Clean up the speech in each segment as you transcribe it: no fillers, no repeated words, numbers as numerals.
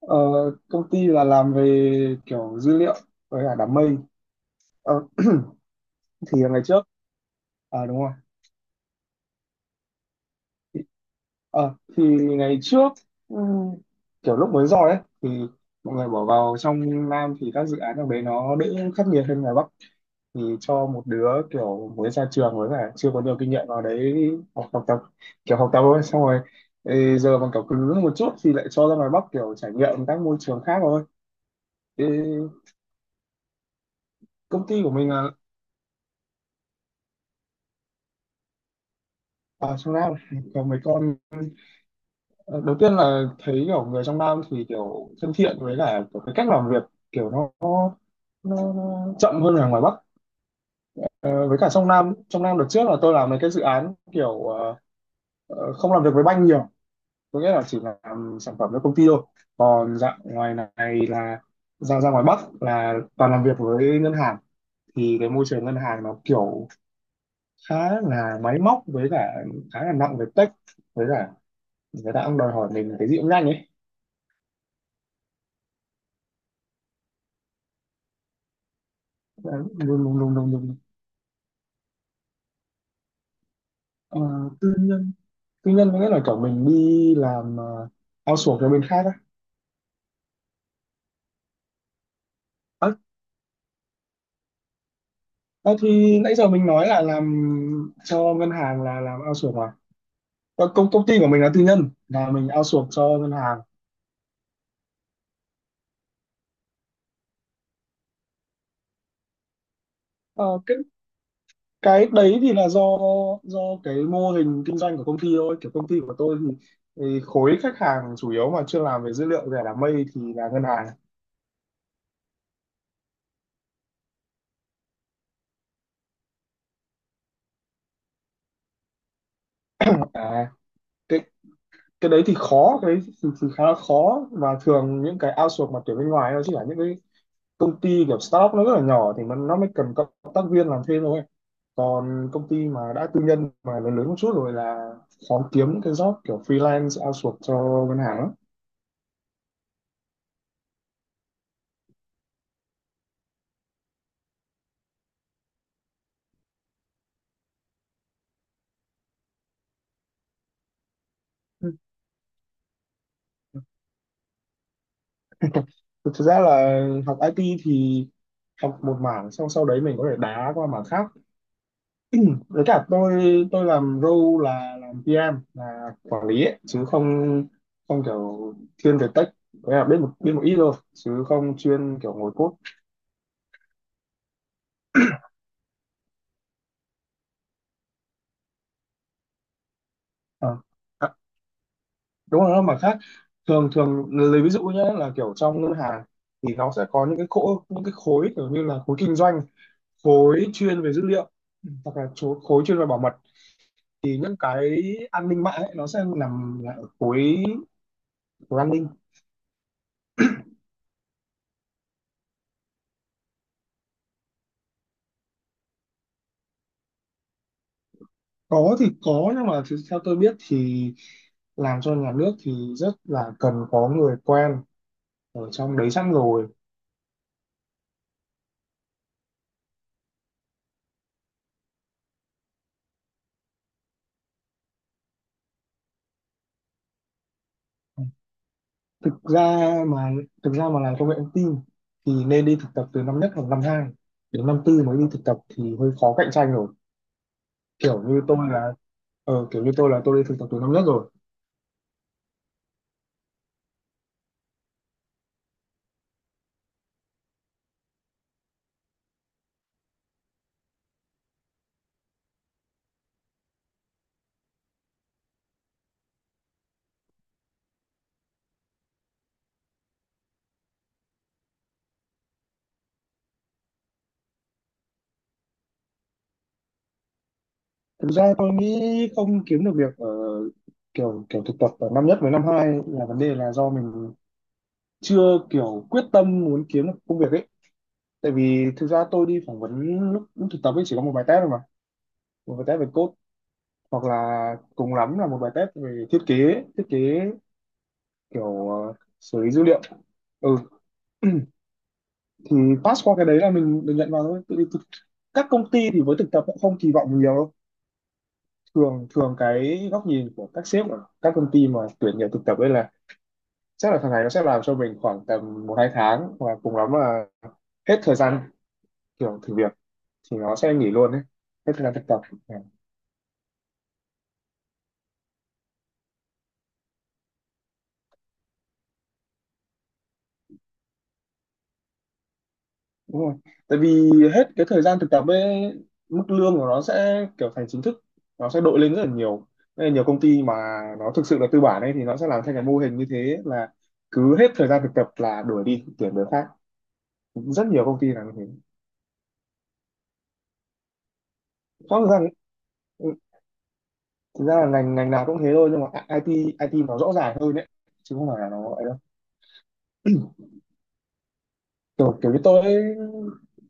Ờ, Công ty là làm về kiểu dữ liệu với cả đám mây. Ờ, thì ngày trước, à đúng không, thì, thì ngày trước, ừm, kiểu lúc mới rồi ấy thì mọi người bỏ vào trong Nam thì các dự án ở đấy nó đỡ khắc nghiệt hơn ngoài Bắc, thì cho một đứa kiểu mới ra trường với cả chưa có nhiều kinh nghiệm vào đấy học tập kiểu học tập thôi, xong rồi ừ, giờ mà kiểu cứng một chút thì lại cho ra ngoài Bắc kiểu trải nghiệm các môi trường khác thôi. Thì công ty của mình là ở trong Nam có mấy con. Ờ, đầu tiên là thấy kiểu người trong Nam thì kiểu thân thiện, với cả kiểu cái cách làm việc kiểu nó chậm hơn là ngoài Bắc. Ờ, với cả trong Nam đợt trước là tôi làm mấy cái dự án kiểu không làm việc với banh nhiều, có nghĩa là chỉ làm sản phẩm cho công ty thôi, còn dạng ngoài này là ra ra ngoài Bắc là toàn làm việc với ngân hàng. Thì cái môi trường ngân hàng nó kiểu khá là máy móc, với cả khá là nặng về tech, với cả người ta cũng đòi hỏi mình cái gì cũng nhanh ấy. Ờ, luôn luôn luôn luôn luôn. Ờ, tư nhân, tư nhân có nghĩa là kiểu mình đi làm outsource cho bên khác á. À, à, thì nãy giờ mình nói là làm cho ngân hàng là làm outsource mà. Ờ, công công ty của mình là tư nhân, là mình outsource cho ngân hàng. Ờ, cái đấy thì là do do cái mô hình kinh doanh của công ty thôi, kiểu công ty của tôi thì khối khách hàng chủ yếu mà chưa làm về dữ liệu, về đám mây thì là ngân hàng. à, cái đấy thì khá là khó, và thường những cái outsource mà tuyển bên ngoài nó chỉ là những cái công ty kiểu startup nó rất là nhỏ thìมันnó mới cần cộng tác viên làm thêm thôi, còn công ty mà đã tư nhân mà lớn lớn một chút rồi là khó kiếm những cái job kiểu freelance outsource cho ngân hàng lắm. Ừ. Thực ra là học IT thì học một mảng xong sau đấy mình có thể đá qua mảng khác. Với cả tôi làm role là làm PM, là quản lý ấy, chứ không không kiểu thiên về tech, có nghĩa là biết một ít thôi chứ không chuyên kiểu ngồi code. Ờ. Đúng rồi mà khác. Thường thường lấy ví dụ nhé, là kiểu trong ngân hàng thì nó sẽ có những cái khối, những cái khối kiểu như là khối kinh doanh, khối chuyên về dữ liệu, hoặc là khối chuyên về bảo mật. Thì những cái an ninh mạng ấy, nó sẽ nằm lại ở khối của an ninh. Có thì có, nhưng mà thì theo tôi biết thì làm cho nhà nước thì rất là cần có người quen ở trong đấy sẵn rồi. thực ra mà Thực ra mà làm công nghệ thông tin thì nên đi thực tập từ năm nhất hoặc năm hai, đến năm tư mới đi thực tập thì hơi khó cạnh tranh rồi. kiểu như tôi là Kiểu như tôi là tôi đi thực tập từ năm nhất rồi. Thực ra tôi nghĩ không kiếm được việc ở kiểu kiểu thực tập ở năm nhất với năm hai là vấn đề là do mình chưa kiểu quyết tâm muốn kiếm được công việc ấy. Tại vì thực ra tôi đi phỏng vấn lúc thực tập ấy chỉ có một bài test thôi mà, một bài test về code, hoặc là cùng lắm là một bài test về thiết kế kiểu ờ, xử lý dữ liệu. Ừ. Thì pass qua cái đấy là mình được nhận vào thôi. Các công ty thì với thực tập cũng không kỳ vọng nhiều đâu. Thường thường cái góc nhìn của các sếp ở các công ty mà tuyển nhiều thực tập ấy là chắc là thằng này nó sẽ làm cho mình khoảng tầm một hai tháng, và cùng lắm là hết thời gian kiểu thử việc thì nó sẽ nghỉ luôn đấy, hết thời gian thực tập. Dạ. Đúng rồi, tại vì hết cái thời gian thực tập ấy mức lương của nó sẽ kiểu thành chính thức, nó sẽ đội lên rất là nhiều. Nên là nhiều công ty mà nó thực sự là tư bản ấy thì nó sẽ làm theo cái mô hình như thế, là cứ hết thời gian thực tập là đuổi đi tuyển người khác. Rất nhiều công ty làm như thế. Rõ ràng ừ, thực ra là ngành ngành nào cũng thế thôi, nhưng mà IT IT nó rõ ràng hơn đấy, chứ không phải là nó ấy đâu. kiểu kiểu như tôi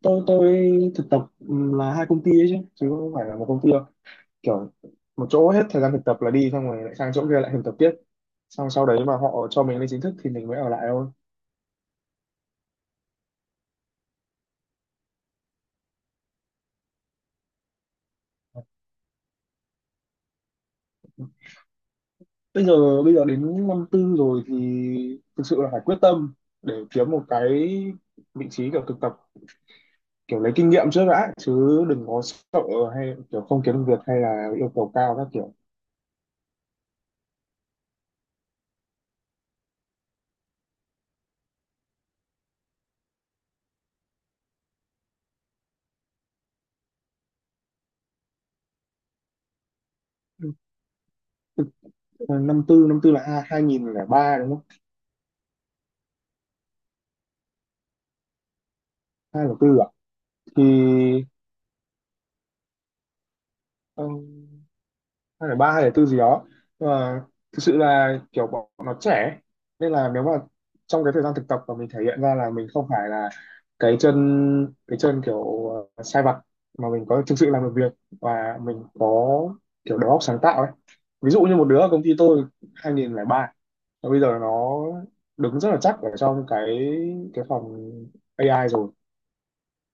tôi tôi thực tập là hai công ty ấy chứ, chứ không phải là một công ty đâu. Kiểu một chỗ hết thời gian thực tập là đi, xong rồi lại sang chỗ kia lại thực tập tiếp, xong sau đấy mà họ cho mình lên chính thức thì mình mới ở lại thôi. Bây giờ đến năm tư rồi thì thực sự là phải quyết tâm để kiếm một cái vị trí kiểu thực tập, kiểu lấy kinh nghiệm trước đã chứ, đừng có sợ hay kiểu không kiếm được việc hay là yêu cầu cao các kiểu. Thực- Năm tư, năm tư là hai nghìn lẻ ba đúng không? Hai nghìn lẻ tư à? Thì ờ, hay là ba hay là tư gì đó. Nhưng mà thực sự là kiểu bọn nó trẻ, nên là nếu mà trong cái thời gian thực tập mà mình thể hiện ra là mình không phải là cái chân cái chân kiểu ờ, sai vặt, mà mình có thực sự làm được việc, và mình có kiểu đầu óc sáng tạo ấy. Ví dụ như một đứa ở công ty tôi 2003, và bây giờ nó đứng rất là chắc ở trong cái phòng AI rồi,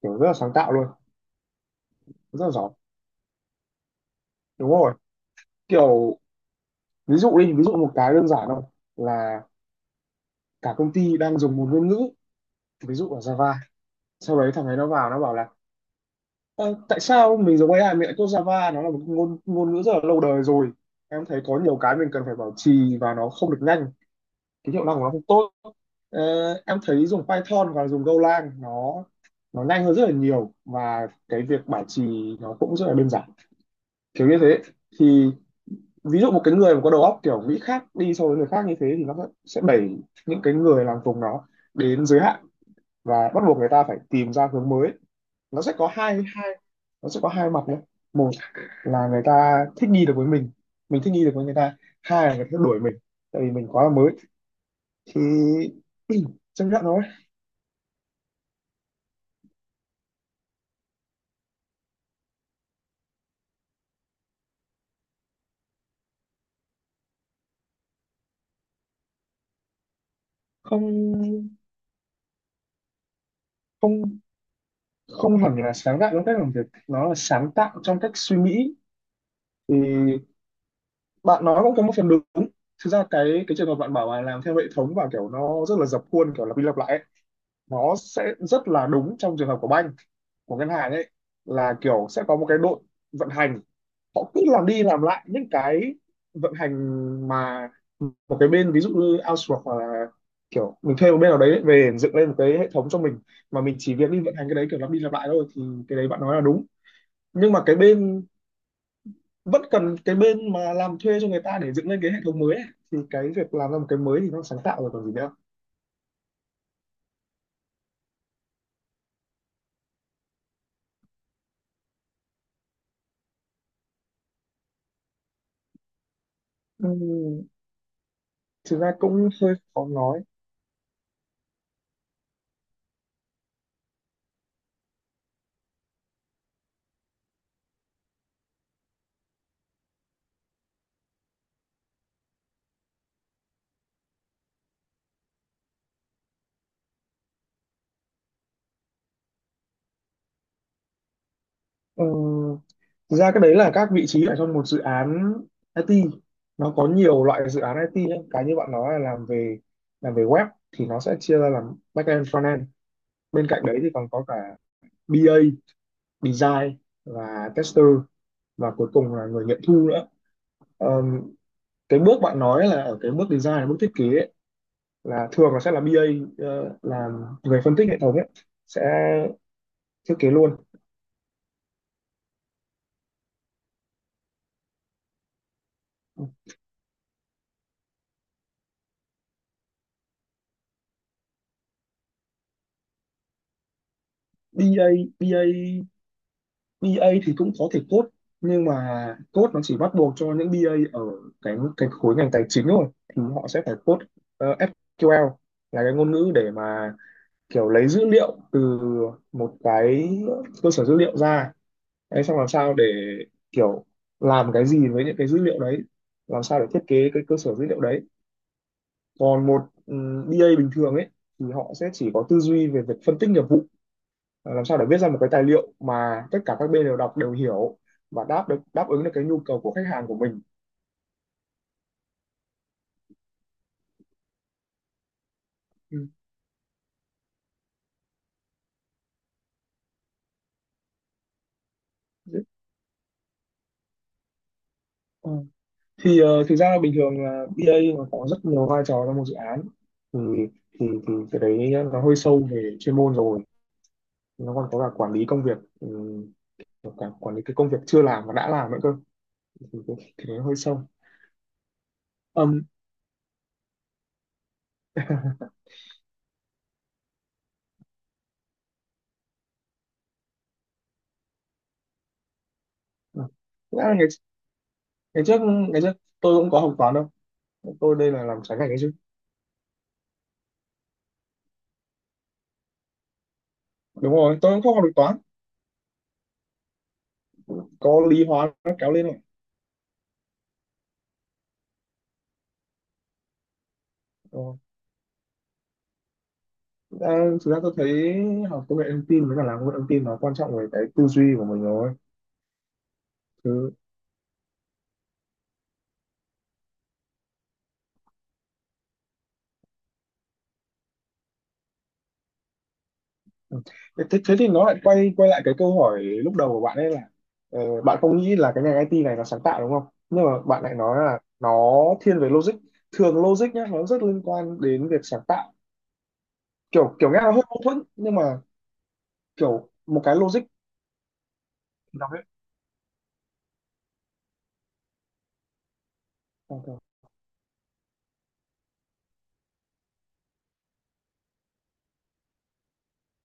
kiểu rất là sáng tạo luôn, rất là giỏi. Đúng rồi kiểu, ví dụ đi, ví dụ một cái đơn giản thôi, là cả công ty đang dùng một ngôn ngữ, ví dụ là Java, sau đấy thằng ấy nó vào nó bảo là "Ơ, tại sao mình dùng AI mình lại code Java? Nó là một ngôn ngôn ngữ rất là lâu đời rồi, em thấy có nhiều cái mình cần phải bảo trì và nó không được nhanh, cái hiệu năng của nó không tốt. Ờ, em thấy dùng Python và dùng Golang nó nhanh hơn rất là nhiều, và cái việc bảo trì nó cũng rất là đơn giản", kiểu như thế. Thì ví dụ một cái người mà có đầu óc kiểu nghĩ khác đi so với người khác như thế thì nó sẽ đẩy những cái người làm cùng nó đến giới hạn, và bắt buộc người ta phải tìm ra hướng mới. nó sẽ có hai hai nó sẽ có hai mặt đấy. Một là người ta thích nghi được với mình thích nghi được với người ta. Hai là người ta đuổi mình, tại vì mình quá là mới, thì chấp nhận thôi. Không, không không hẳn là sáng tạo trong cách làm việc, nó là sáng tạo trong cách suy nghĩ. Thì bạn nói cũng có một phần đúng, thực ra cái trường hợp bạn bảo là làm theo hệ thống và kiểu nó rất là dập khuôn kiểu lặp đi lặp lại ấy, nó sẽ rất là đúng trong trường hợp của bank, của ngân hàng ấy. Là kiểu sẽ có một cái đội vận hành, họ cứ làm đi làm lại những cái vận hành, mà một cái bên ví dụ như outsource, hoặc là kiểu mình thuê một bên nào đấy về dựng lên một cái hệ thống cho mình, mà mình chỉ việc đi vận hành cái đấy kiểu lặp đi lặp lại thôi, thì cái đấy bạn nói là đúng. Nhưng mà cái bên vẫn cần cái bên mà làm thuê cho người ta để dựng lên cái hệ thống mới ấy. Thì cái việc làm ra một cái mới thì nó sáng tạo rồi còn gì nữa. Ừm, thực ra cũng hơi khó nói. Ừm, Thực ra cái đấy là các vị trí ở trong một dự án IT. Nó có nhiều loại dự án IT ấy. Cái như bạn nói là làm về web thì nó sẽ chia ra làm backend, frontend. Bên cạnh đấy thì còn có cả BA, design, và tester, và cuối cùng là người nghiệm thu nữa. Ờm, cái bước bạn nói là ở cái bước design, là bước thiết kế ấy, là thường là sẽ là BA, ờ, làm người phân tích hệ thống ấy, sẽ thiết kế luôn. BA BA BA thì cũng có thể code, nhưng mà code nó chỉ bắt buộc cho những BA ở cái khối ngành tài chính thôi, thì họ sẽ phải code ờ, SQL, là cái ngôn ngữ để mà kiểu lấy dữ liệu từ một cái cơ sở dữ liệu ra đấy, xong làm sao để kiểu làm cái gì với những cái dữ liệu đấy, làm sao để thiết kế cái cơ sở dữ liệu đấy. Còn một BA bình thường ấy thì họ sẽ chỉ có tư duy về việc phân tích nghiệp vụ. Ờ, làm sao để viết ra một cái tài liệu mà tất cả các bên đều đọc đều hiểu, và đáp ứng được cái nhu cầu của khách hàng của mình. Ừ. Đấy. Ờ, Thực ra bình thường là BA nó có rất nhiều vai trò trong một dự án, thì thì cái đấy nó hơi sâu về chuyên môn rồi, nó còn có cả quản lý công việc ừ, cả quản lý cái công việc chưa làm và đã làm nữa cơ. Thì nó hơi sâu. um, ngày, ngày trước ngày trước tôi cũng có học toán đâu, tôi đây là làm trái ngành ấy chứ. Đúng rồi tôi cũng không học được toán, có lý hóa nó kéo lên này. Ờ, Ờ, Thực ra tôi thấy học công nghệ thông tin với cả làm công nghệ thông tin nó quan trọng về cái tư duy của mình rồi. thứ Thế, thế thì nó lại quay quay lại cái câu hỏi lúc đầu của bạn ấy là ờ, bạn không nghĩ là cái ngành IT này nó sáng tạo đúng không, nhưng mà bạn lại nói là nó thiên về logic. Thường logic nhá nó rất liên quan đến việc sáng tạo, kiểu kiểu nghe là hơi mâu thuẫn, nhưng mà kiểu một cái logic nó